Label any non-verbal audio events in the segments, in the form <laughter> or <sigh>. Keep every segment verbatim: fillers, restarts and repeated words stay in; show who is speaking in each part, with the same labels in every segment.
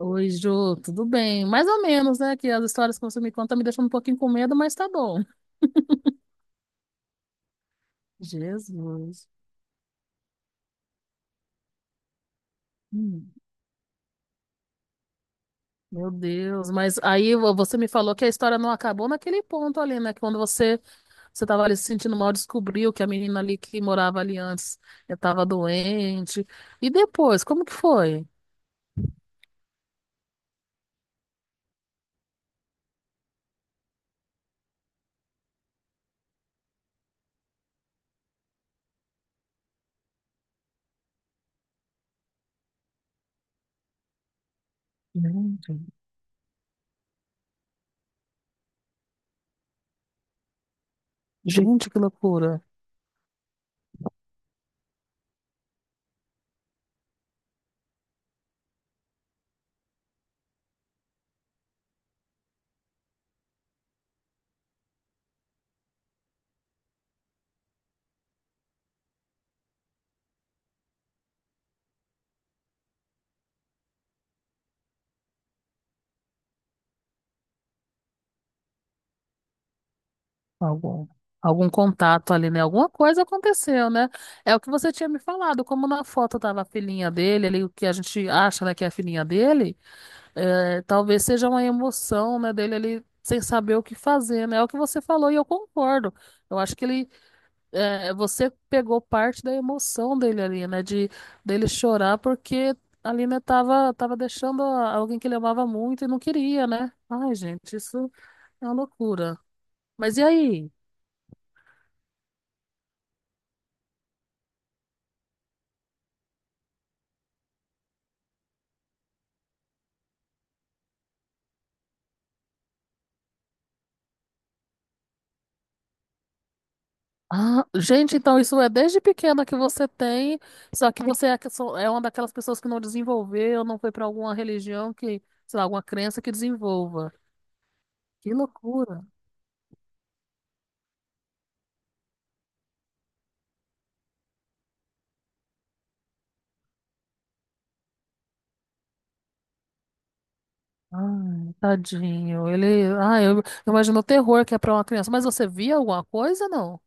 Speaker 1: Oi, Jô, tudo bem? Mais ou menos, né? Que as histórias que você me conta me deixam um pouquinho com medo, mas tá bom. Jesus. Hum. Meu Deus, mas aí vo- você me falou que a história não acabou naquele ponto ali, né? Quando você você estava ali se sentindo mal, descobriu que a menina ali que morava ali antes estava doente. E depois, como que foi? Gente, gente, que loucura. Algum, algum contato ali, né? Alguma coisa aconteceu, né? É o que você tinha me falado, como na foto tava a filhinha dele, ali, o que a gente acha, né, que é a filhinha dele, é, talvez seja uma emoção, né, dele ali sem saber o que fazer, né? É o que você falou e eu concordo. Eu acho que ele, é, você pegou parte da emoção dele ali, né, de dele chorar porque ali, né, tava, tava deixando a- alguém que ele amava muito e não queria, né? Ai, gente, isso é uma loucura. Mas e aí? Ah, gente, então isso é desde pequena que você tem, só que você é, que só- é uma daquelas pessoas que não desenvolveu, não foi para alguma religião que, sei lá, alguma crença que desenvolva. Que loucura. Ai, tadinho. Ele, ai, eu, eu imagino o terror que é para uma criança. Mas você via alguma coisa, não?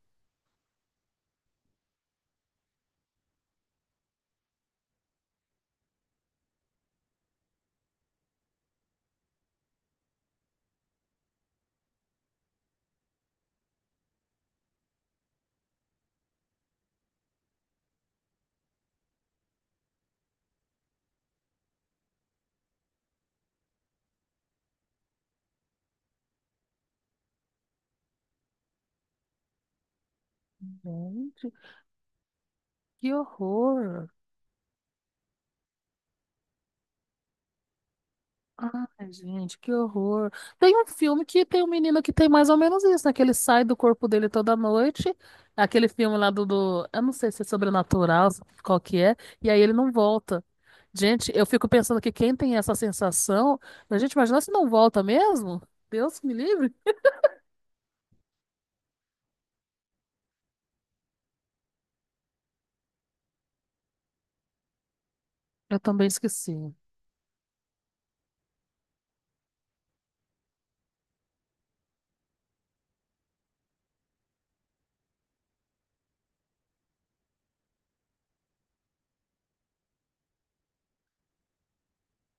Speaker 1: Gente, que horror. Ai, gente, que horror. Tem um filme que tem um menino que tem mais ou menos isso, né? Que ele sai do corpo dele toda noite. Aquele filme lá do, do- eu não sei se é sobrenatural, qual que é. E aí ele não volta. Gente, eu fico pensando que quem tem essa sensação... A gente imagina se não volta mesmo? Deus me livre. Eu também esqueci.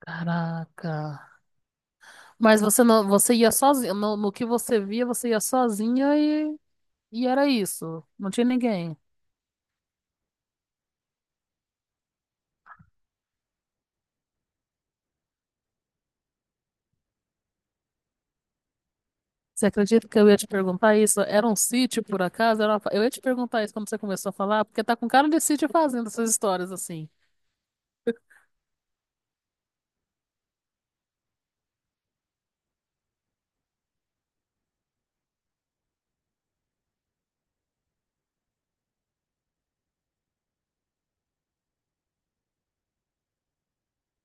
Speaker 1: Caraca. Mas você não, você ia sozinha. No, no que você via, você ia sozinha e, e era isso. Não tinha ninguém. Você acredita que eu ia te perguntar isso? Era um sítio, por acaso? Era uma fa- Eu ia te perguntar isso quando você começou a falar, porque tá com cara de sítio fazendo essas histórias assim.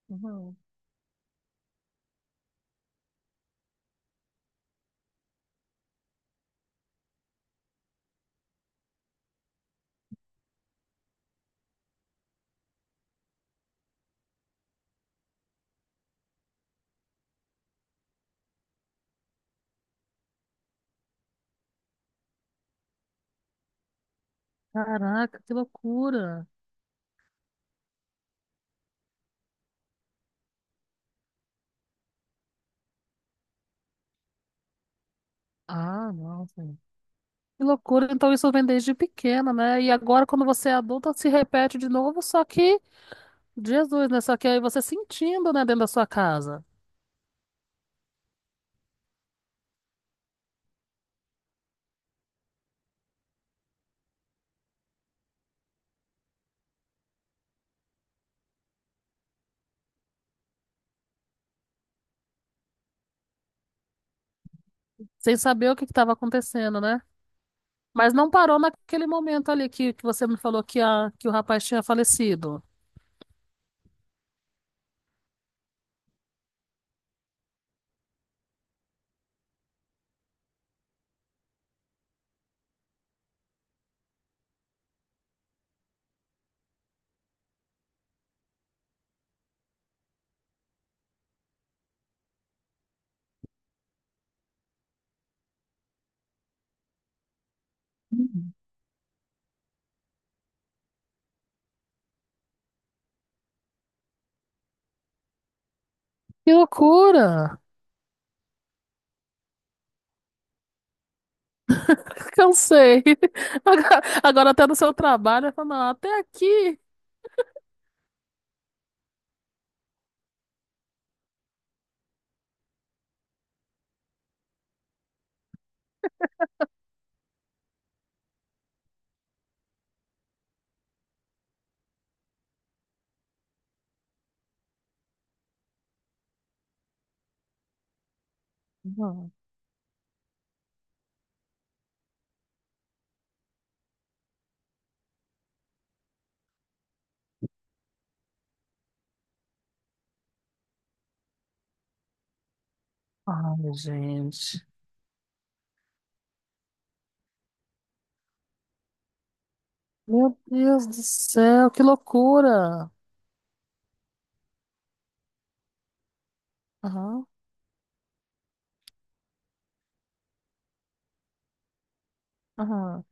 Speaker 1: Uhum. Caraca, que loucura! Ah, nossa. Que loucura, então isso vem desde pequena, né? E agora, quando você é adulta, se repete de novo, só que, Jesus, né? Só que aí você sentindo, né, dentro da sua casa. Sem saber o que estava acontecendo, né? Mas não parou naquele momento ali que, que você me falou que, a, que o rapaz tinha falecido. Que loucura! <laughs> Cansei. Agora, agora até no seu trabalho, falando, até aqui. Não. Ai, gente. Meu Deus do céu, que loucura! Aham, aham.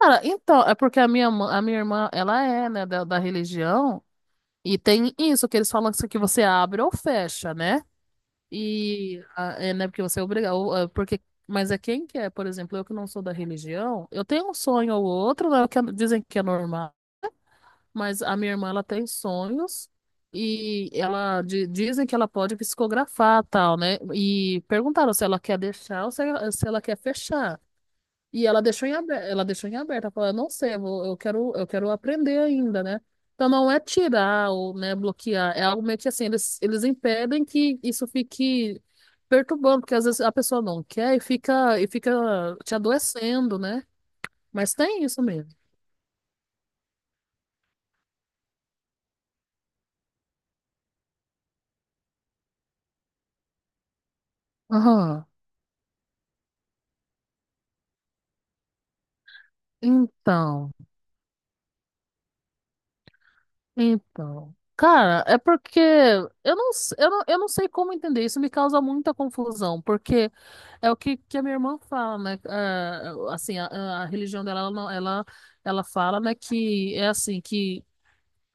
Speaker 1: Cara, então, é porque a minha, mã- a minha irmã, ela é, né, da, da religião. E tem isso que eles falam assim, que você abre ou fecha, né? E ah, é, né, porque você é obrigado, ou, ah, porque mas é quem quer, por exemplo, eu que não sou da religião, eu tenho um sonho ou outro, né, que é, dizem que é normal, mas a minha irmã ela tem sonhos e ela di- dizem que ela pode psicografar tal, né? E perguntaram se ela quer deixar ou se ela, se ela quer fechar. E ela deixou em aberto, ela deixou em aberto, ela falou, eu não sei, eu, vou- eu quero, eu quero aprender ainda, né? Então não é tirar ou, né, bloquear, é algo meio que assim, eles, eles impedem que isso fique perturbando, porque às vezes a pessoa não quer e fica, e fica te adoecendo, né? Mas tem isso mesmo. Aham. Então, então. Cara, é porque eu não, s- eu não, eu não sei como entender, isso me causa muita confusão, porque é o que, que a minha irmã fala, né? Ah, assim, a, a religião dela, ela, não- ela, ela fala, né, que é assim, que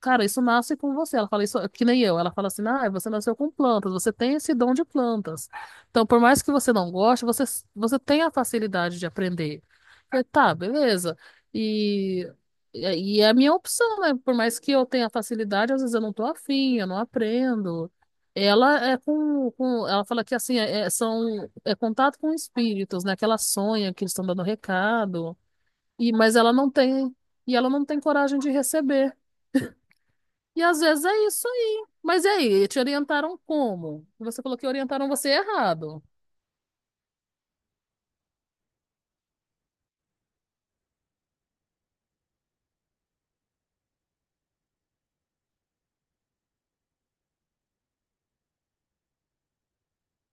Speaker 1: cara, isso nasce com você. Ela fala isso que nem eu. Ela fala assim: ah, você nasceu com plantas, você tem esse dom de plantas. Então, por mais que você não goste, você, você tem a facilidade de aprender. Eu falei, tá, beleza. E, e é a minha opção, né? Por mais que eu tenha facilidade, às vezes eu não tô afim, eu não aprendo. Ela é com, com ela fala que assim, é, é- são, é contato com espíritos, né? Que ela sonha que eles estão dando recado. E, mas ela não tem, e ela não tem coragem de receber. E às vezes é isso aí. Mas e aí, te orientaram como? Você falou que orientaram você errado.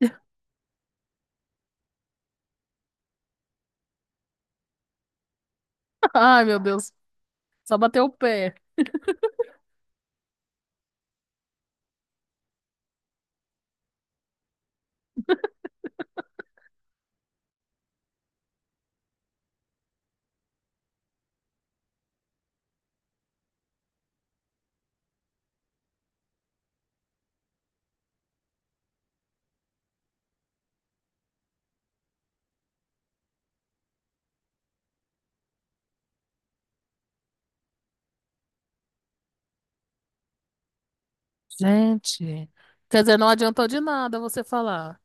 Speaker 1: <laughs> Ai, meu Deus, só bateu o pé. Gente, quer dizer, não adiantou de nada você falar.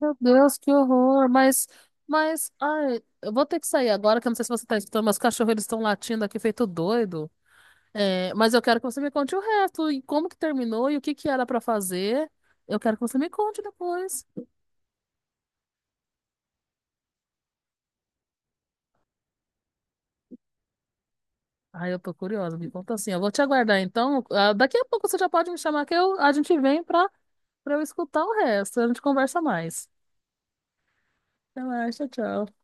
Speaker 1: Meu Deus, que horror. Mas, mas, ai, eu vou ter que sair agora, que eu não sei se você tá escutando, mas os cachorros eles estão latindo aqui feito doido. É, mas eu quero que você me conte o resto e como que terminou e o que que era pra fazer. Eu quero que você me conte depois. Ai, eu tô curiosa, me conta assim. Eu vou te aguardar então. Ah, daqui a pouco você já pode me chamar que eu, a gente vem pra, pra eu escutar o resto. A gente conversa mais. Até mais, tchau, tchau.